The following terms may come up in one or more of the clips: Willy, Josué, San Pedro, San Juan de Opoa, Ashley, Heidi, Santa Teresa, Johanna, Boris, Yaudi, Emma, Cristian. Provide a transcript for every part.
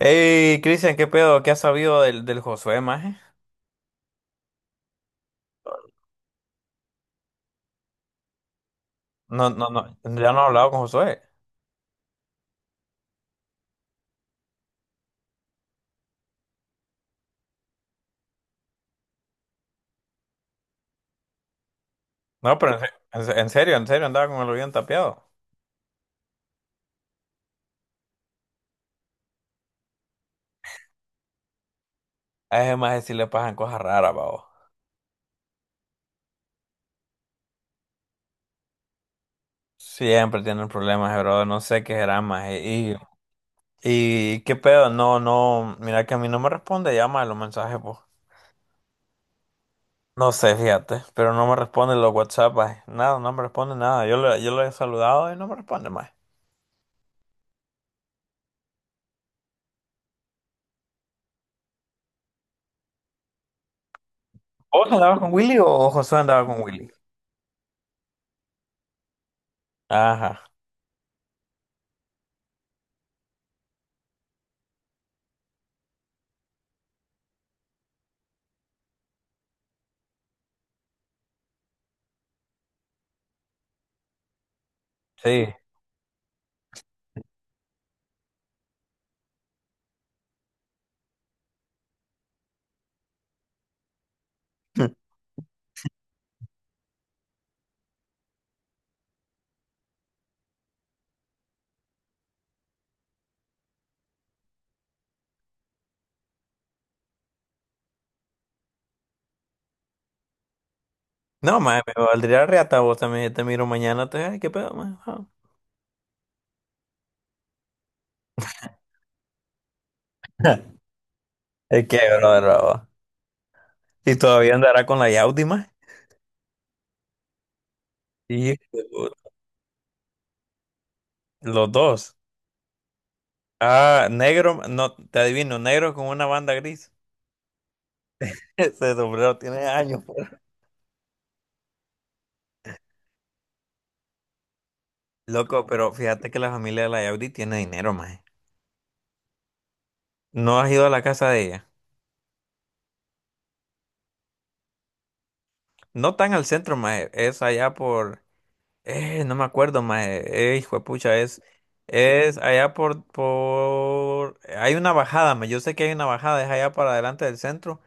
Hey, Cristian, ¿qué pedo? ¿Qué has sabido del Josué, maje? No, no, no, ya no he hablado con Josué. No, pero en serio, andaba con el oído tapeado. A ese maje sí le pasan cosas raras, babo. Siempre tienen problemas, bro. No sé qué será, maje. Y qué pedo, no, no, mira que a mí no me responde llama a los mensajes, pues. No sé, fíjate, pero no me responde los WhatsApp, maje. Nada, no me responde nada. Yo le he saludado y no me responde, maje. ¿Vos andabas con Willy o Josué andaba con Willy? Ajá, sí. No, mae, me valdría reata vos también. Te miro mañana, te ay, qué pedo, mae. Ah. Es que, bro. Y todavía andará con la Yaudi, mae. Y los dos. Ah, negro, no, te adivino, negro con una banda gris. Ese sombrero tiene años, po. Loco, pero fíjate que la familia de la Yaudi tiene dinero, mae. No has ido a la casa de ella. No tan al centro, mae. Es allá por... no me acuerdo, mae. Hijo de pucha, es allá por... Hay una bajada, mae. Yo sé que hay una bajada, es allá para adelante del centro.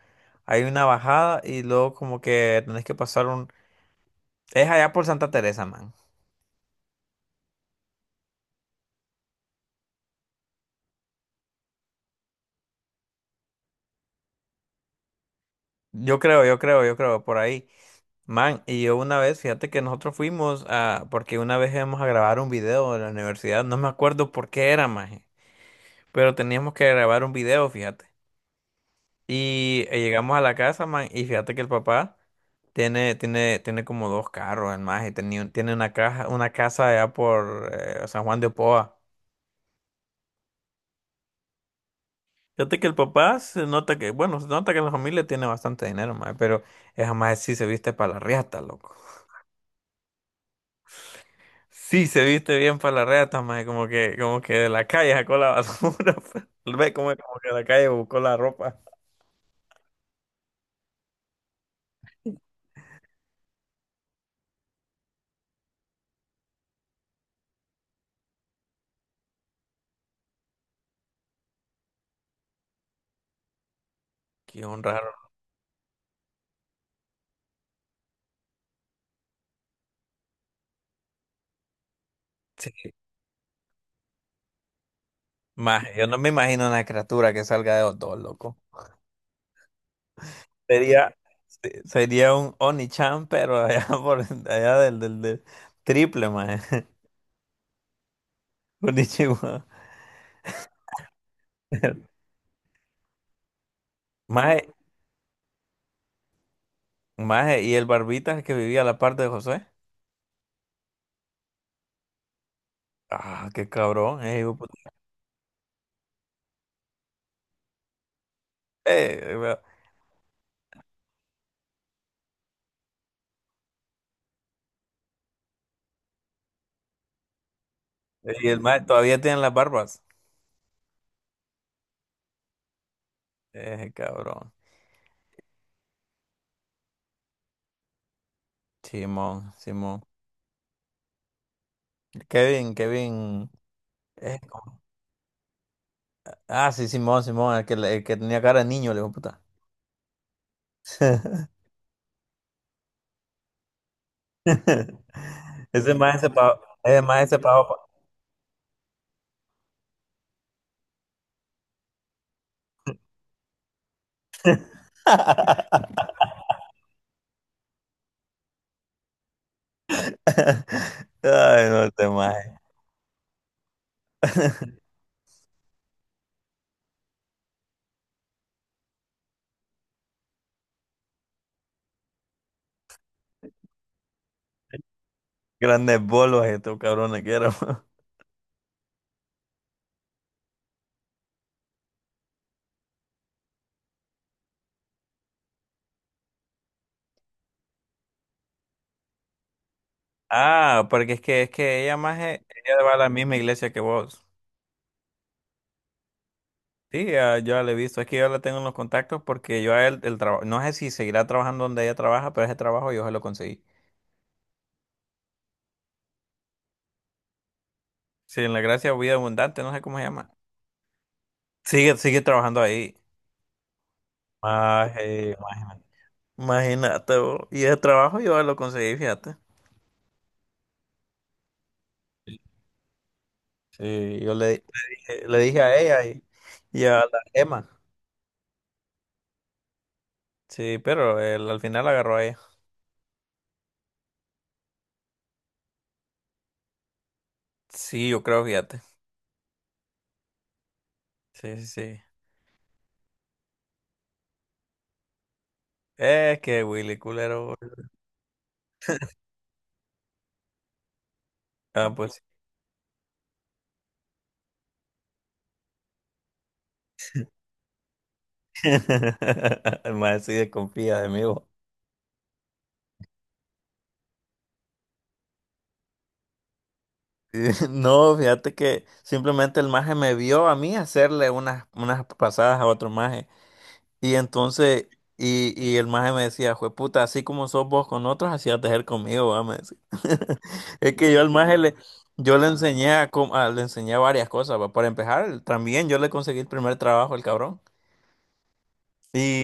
Hay una bajada y luego como que tenés que pasar un... Es allá por Santa Teresa, man. Yo creo, yo creo, yo creo, por ahí. Man, y yo una vez, fíjate que nosotros fuimos a... Porque una vez íbamos a grabar un video de la universidad, no me acuerdo por qué era, mae. Pero teníamos que grabar un video, fíjate. Y llegamos a la casa, man, y fíjate que el papá tiene como dos carros, el más, y tiene una casa allá por San Juan de Opoa. Fíjate que el papá se nota que, bueno, se nota que la familia tiene bastante dinero, man, pero esa más sí se viste para la riata, loco. Sí se viste bien para la riata, man, como que de la calle sacó la basura. Ve como, como que de la calle buscó la ropa. Qué un raro. Sí. Maje, yo no me imagino una criatura que salga de los dos, loco. Sería, sería un Onichan, pero allá por allá del triple, maje. Konnichiwa. Maje, maje, y el barbita que vivía a la parte de José. Ah, qué cabrón, hijo de puta. Vea, y el maje todavía tiene las barbas. Cabrón. Simón, Simón. Kevin, Kevin. ¿Cómo? Ah, sí, Simón, Simón, el que, el que tenía cara de niño, le dijo puta. Ese maje se pagó. Ese maje se pagó. Ay, no te majes. Grandes bolos estos cabrones que eran. Ah, porque es que ella más ella va a la misma iglesia que vos. Sí, yo ya la he visto. Es que yo la tengo en los contactos porque yo a él el trabajo, no sé si seguirá trabajando donde ella trabaja, pero ese trabajo yo se lo conseguí. Sí, en la gracia vida abundante, no sé cómo se llama. Sigue, sigue trabajando ahí. Maje, imagínate, vos. Y ese trabajo yo lo conseguí, fíjate. Sí, le dije a ella y a la Emma. Sí, pero él al final agarró a ella. Sí, yo creo, fíjate. Sí, sí, sí. Es que Willy culero. Ah, pues. Sí. El maje sí desconfía de mí, vos. No, fíjate que simplemente el maje me vio a mí hacerle unas, unas pasadas a otro maje. Y entonces, y el maje me decía, jue puta, así como sos vos con otros, así has de ser conmigo, va, me decía. Es que yo le enseñé a, le enseñé varias cosas, va. Para empezar, también yo le conseguí el primer trabajo al cabrón. Y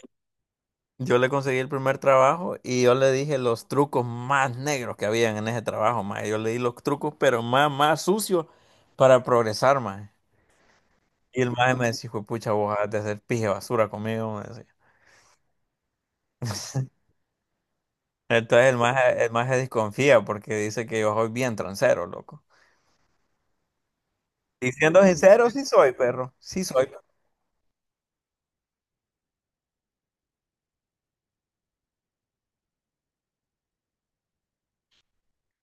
yo le conseguí el primer trabajo y yo le dije los trucos más negros que habían en ese trabajo, mae. Yo le di los trucos, pero más, más sucios para progresar, mae. Y el maje me decía, "Hijo de pucha, vos has de hacer pije basura conmigo", me decía. Entonces el maje desconfía porque dice que yo soy bien transero, loco. Y siendo sincero, sí soy, perro. Sí soy.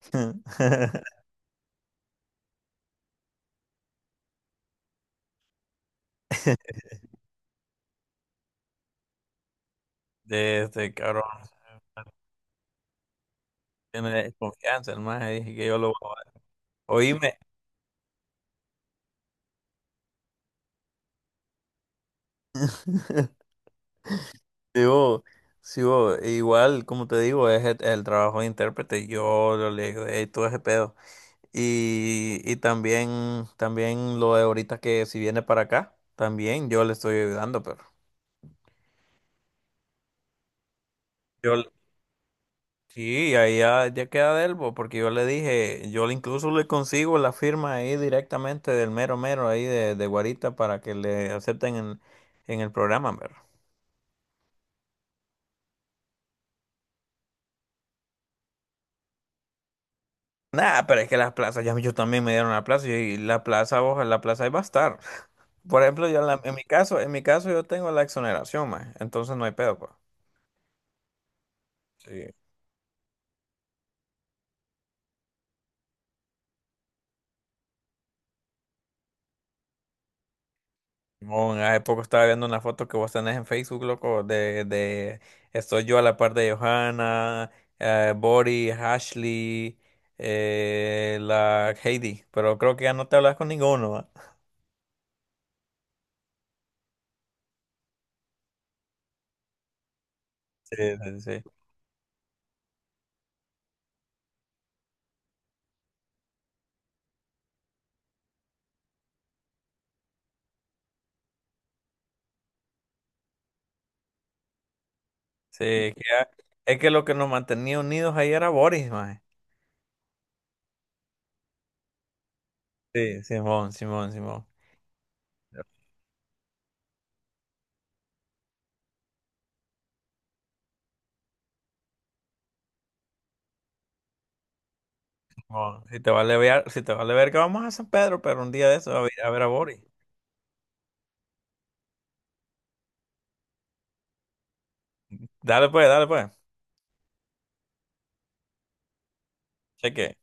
De este cabrón. Tiene desconfianza, el maje. Dije que yo lo voy a... Oíme. Sí. Digo, sigo, igual, como te digo, es el trabajo de intérprete. Yo lo le digo, "Ey, todo ese pedo". Y también, también lo de ahorita que si viene para acá, también yo le estoy ayudando, pero yo le- sí, ahí ya, ya queda de él, bo, porque yo le dije, incluso le consigo la firma ahí directamente del mero mero ahí de Guarita para que le acepten en el programa, pero. Nah, pero es que las plazas, ya yo también me dieron la plaza y la plaza, ojalá, la plaza ahí va a estar. Por ejemplo, en mi caso yo tengo la exoneración, más, entonces no hay pedo, pues. Sí. Simón, hace poco estaba viendo una foto que vos tenés en Facebook, loco, de estoy yo a la par de Johanna, Boris, Ashley, la Heidi, pero creo que ya no te hablas con ninguno, ¿va? Sí, sí, sí. Sí, que ya- es que lo que nos mantenía unidos ahí era Boris, más. Sí, Simón, Simón, Simón. Simón, si te vale ver, si te vale ver que vamos a San Pedro, pero un día de eso a ver a, ver a Boris. Dale pues, dale pues. Cheque.